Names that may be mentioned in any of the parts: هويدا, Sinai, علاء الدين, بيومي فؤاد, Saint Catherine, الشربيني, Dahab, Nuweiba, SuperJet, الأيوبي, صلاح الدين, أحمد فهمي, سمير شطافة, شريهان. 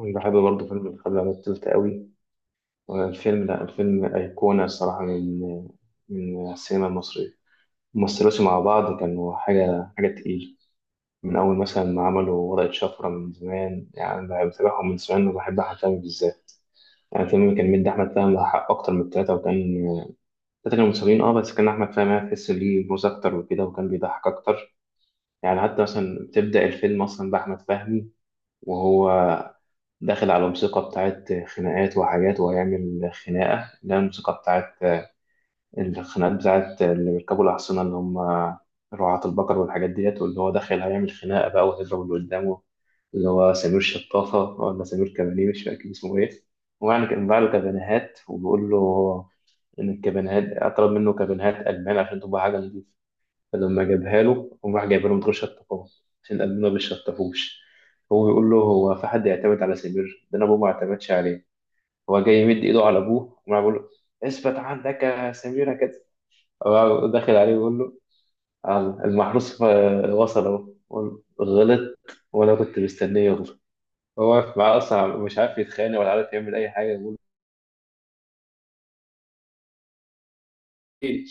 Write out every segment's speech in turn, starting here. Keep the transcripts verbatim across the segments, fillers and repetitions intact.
بحب برضه فيلم الخبر على التلت قوي. الفيلم، لا الفيلم أيقونة الصراحة من من السينما المصرية. ممثلوش مع بعض، كانوا حاجة حاجة تقيلة. من أول مثلا ما عملوا ورقة شفرة من زمان، يعني بحب- بتابعهم من زمان وبحب أحمد فهمي بالذات. يعني الفيلم كان مدي أحمد فهمي حق أكتر من التلاتة، وكان التلاتة كانوا متساويين أه بس كان أحمد فهمي هتحس ليه موز أكتر وكده، وكان بيضحك أكتر. يعني حتى مثلا بتبدأ الفيلم أصلا بأحمد فهمي وهو داخل على موسيقى بتاعت خناقات وحاجات، وهيعمل خناقة، اللي هي الموسيقى بتاعت الخناقات بتاعت اللي بيركبوا الأحصنة، اللي هم رعاة البقر والحاجات ديت. واللي هو داخل هيعمل خناقة بقى وهيضرب اللي قدامه، اللي هو سمير شطافة ولا سمير كبانيه، مش فاكر اسمه إيه. ويعني كان باع له كابانيهات وبيقول له إن الكابانيهات طلب منه كابانيهات ألمان عشان تبقى حاجة نضيفة، فلما جابها له قام راح جايبها له من غير شطفها، عشان قلبنا ما بيشطفوش. هو بيقول له، هو في حد يعتمد على سمير ده؟ انا ابوه ما اعتمدش عليه. هو جاي يمد ايده على ابوه، وراح بيقول له اثبت عندك يا سمير كده. هو داخل عليه بيقول له "آه، المحروس آه، وصل اهو"، بيقول له، غلط. وانا كنت مستنيه يغلط. هو واقف معاه اصلا مش عارف يتخانق ولا عارف يعمل اي حاجه، بيقول له "إيه؟".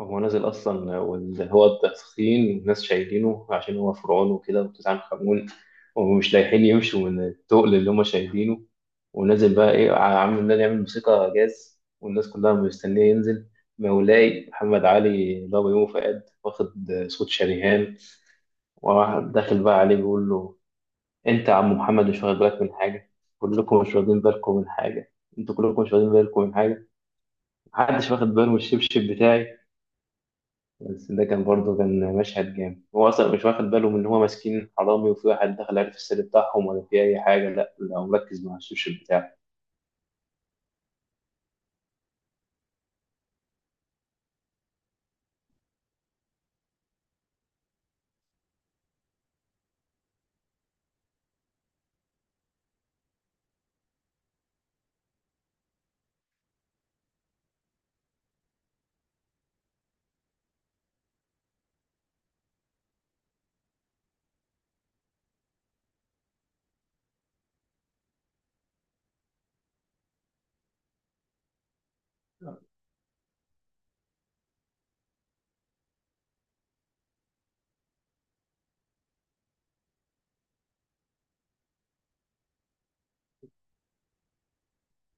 هو نازل أصلا، واللي هو التسخين والناس شايلينه عشان هو فرعون وكده وتسعة خمون، ومش لايحين يمشوا من التقل اللي هما شايلينه. ونازل بقى إيه، عامل نازل يعمل موسيقى جاز، والناس كلها مستنية ينزل. مولاي محمد علي اللي هو بيومي فؤاد، واخد صوت شريهان. وواحد داخل بقى عليه بيقول له، أنت يا عم محمد مش واخد بالك من حاجة، كلكم مش واخدين بالكم من حاجة، أنتوا كلكم مش واخدين بالكم من حاجة، محدش واخد باله من الشبشب بتاعي. بس ده كان برضه كان مشهد جامد. هو اصلا مش واخد باله من ان هو ماسكين حرامي، وفي واحد دخل عارف السر بتاعهم، ولا في اي حاجه. لا لا، هو مركز مع السوشيال بتاعه.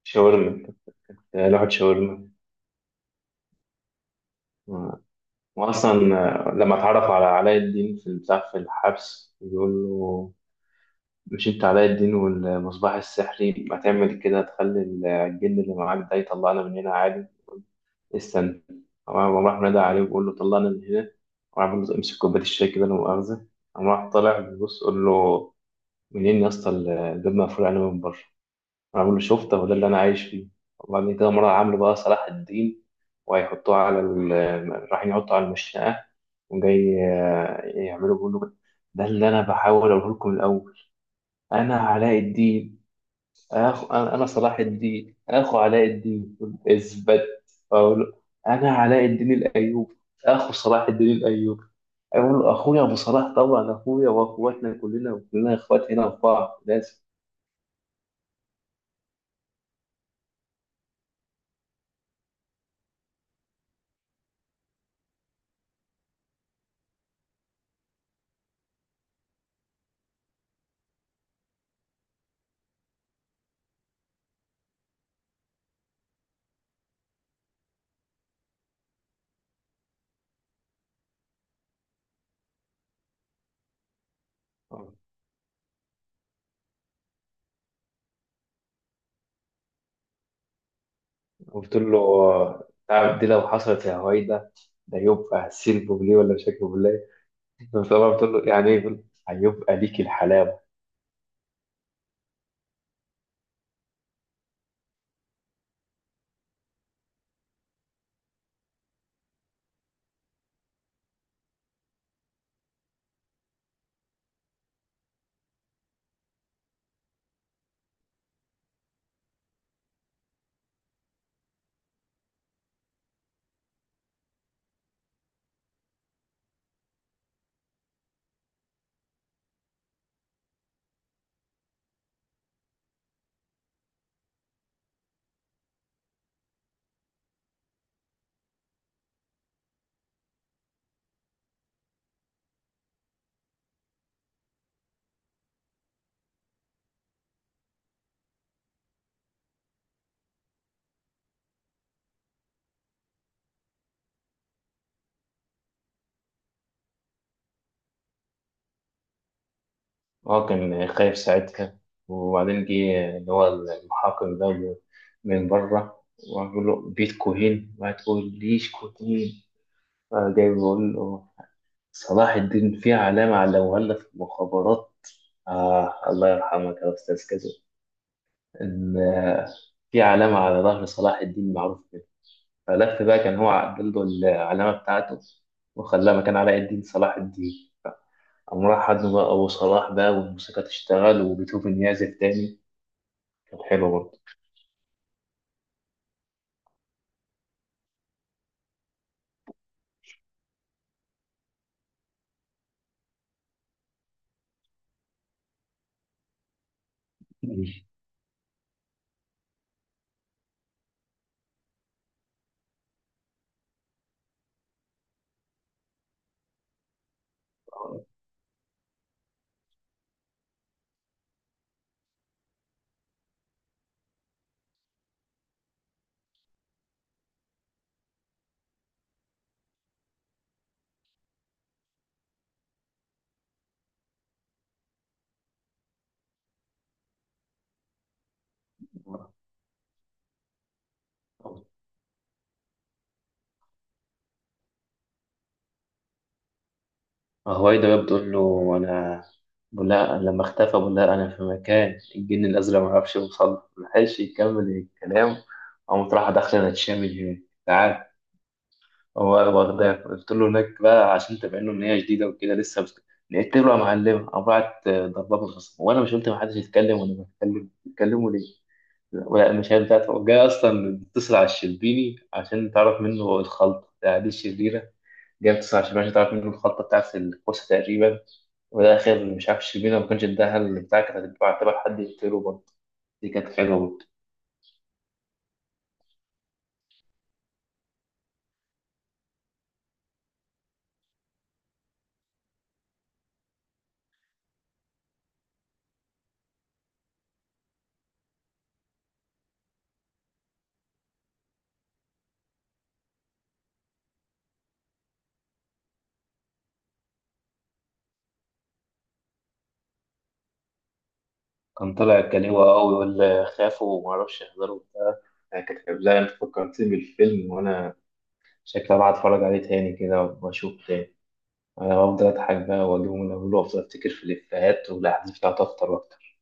شاورما كانت، لوحه شاورما. آه. واصلا آه، لما اتعرف على علاء الدين في البتاع في الحبس، بيقول له مش انت علاء الدين والمصباح السحري، ما تعمل كده، تخلي الجن اللي معاك ده يطلعنا من هنا عادي. استنى. قام راح نادى عليه وبيقول له طلعنا من هنا، وراح بيقول له امسك كوباية الشاي كده لا مؤاخذة. قام راح طالع بيبص، قول له منين يا اسطى، ال- الباب مقفول علينا من بره. راح بيقول له شفت، هو ده اللي انا عايش فيه. وبعدين كده مرة عامله بقى صلاح الدين، وهيحطوه على ال... رايحين يحطوا على المشنقة، وجاي آه، يعملوا، بيقول له ده اللي انا بحاول اقوله لكم من الاول، انا علاء الدين. أخ... انا أنا صلاح الدين اخو علاء الدين. اثبت. اقول له انا علاء الدين الايوبي اخو صلاح الدين الايوبي. اقول له اخويا ابو صلاح، طبعا اخويا، واخواتنا كلنا، كلنا اخوات هنا في بعض لازم. قلت له آه، تعرف دي لو حصلت يا هويدا ده يبقى سلب ليه ولا مش هكذب ليه؟ طبعا قلت له يعني ايه، يقول هيبقى ليك الحلاوه. هو كان خايف ساعتها. وبعدين جه اللي هو المحقق ده من بره، وعمل له بيتكو هين ما تقوليش كوتين. فجاي بيقول له، صلاح الدين فيه علامة علموها لنا في المخابرات، آه الله يرحمك يا أستاذ كذا، إن آه، في علامة على ظهر صلاح الدين معروف كده. فلف بقى، كان هو عدل له العلامة بتاعته وخلاها مكان علاء الدين صلاح الدين. قام راح حضنه بقى أبو صلاح بقى، والموسيقى تشتغل وبيتهوفن يعزف تاني. كانت حلوة برضه. هوايدا بقى بتقول له أنا، بقول لها لما اختفى بقول لها أنا في مكان الجن الأزرق، ما عرفش يوصل له. ما لحقش يكمل الكلام. قامت رايحة داخلة تشامل هناك، تعال. هو واخداك قلت له هناك بقى عشان تبين له إن هي جديدة وكده لسه. بس لقيت له يا معلم قام بعت ضربات بالرصاص، وأنا مش قلت محدش يتكلم وأنا بتكلم، بتكلموا ليه؟ لا مش هي بتاعته، جاي أصلا بتصل على الشربيني عشان تعرف منه الخلطة بتاع دي الشريرة. جاب تسعة وعشرين ماشي، تعرف منه الخلطة بتاعت الكوسة تقريبا. وفي الآخر مش عارف الشربينة ما كانش اداها اللي بتاع، كانت هتبقى هتبقى حد يقتله برضه. دي كانت حلوة برضه. كان طالع كليوة أوي ولا خافوا ومعرفش يحضروا بتاع. كانت حلوة. زي أنت فكرتني بالفيلم، وأنا شكلي بقى أتفرج عليه تاني كده وأشوف تاني. أنا بفضل أضحك بقى وأجيبه من أوله، وأفضل أفتكر في الإفيهات والأحداث بتاعته أكتر وأكتر.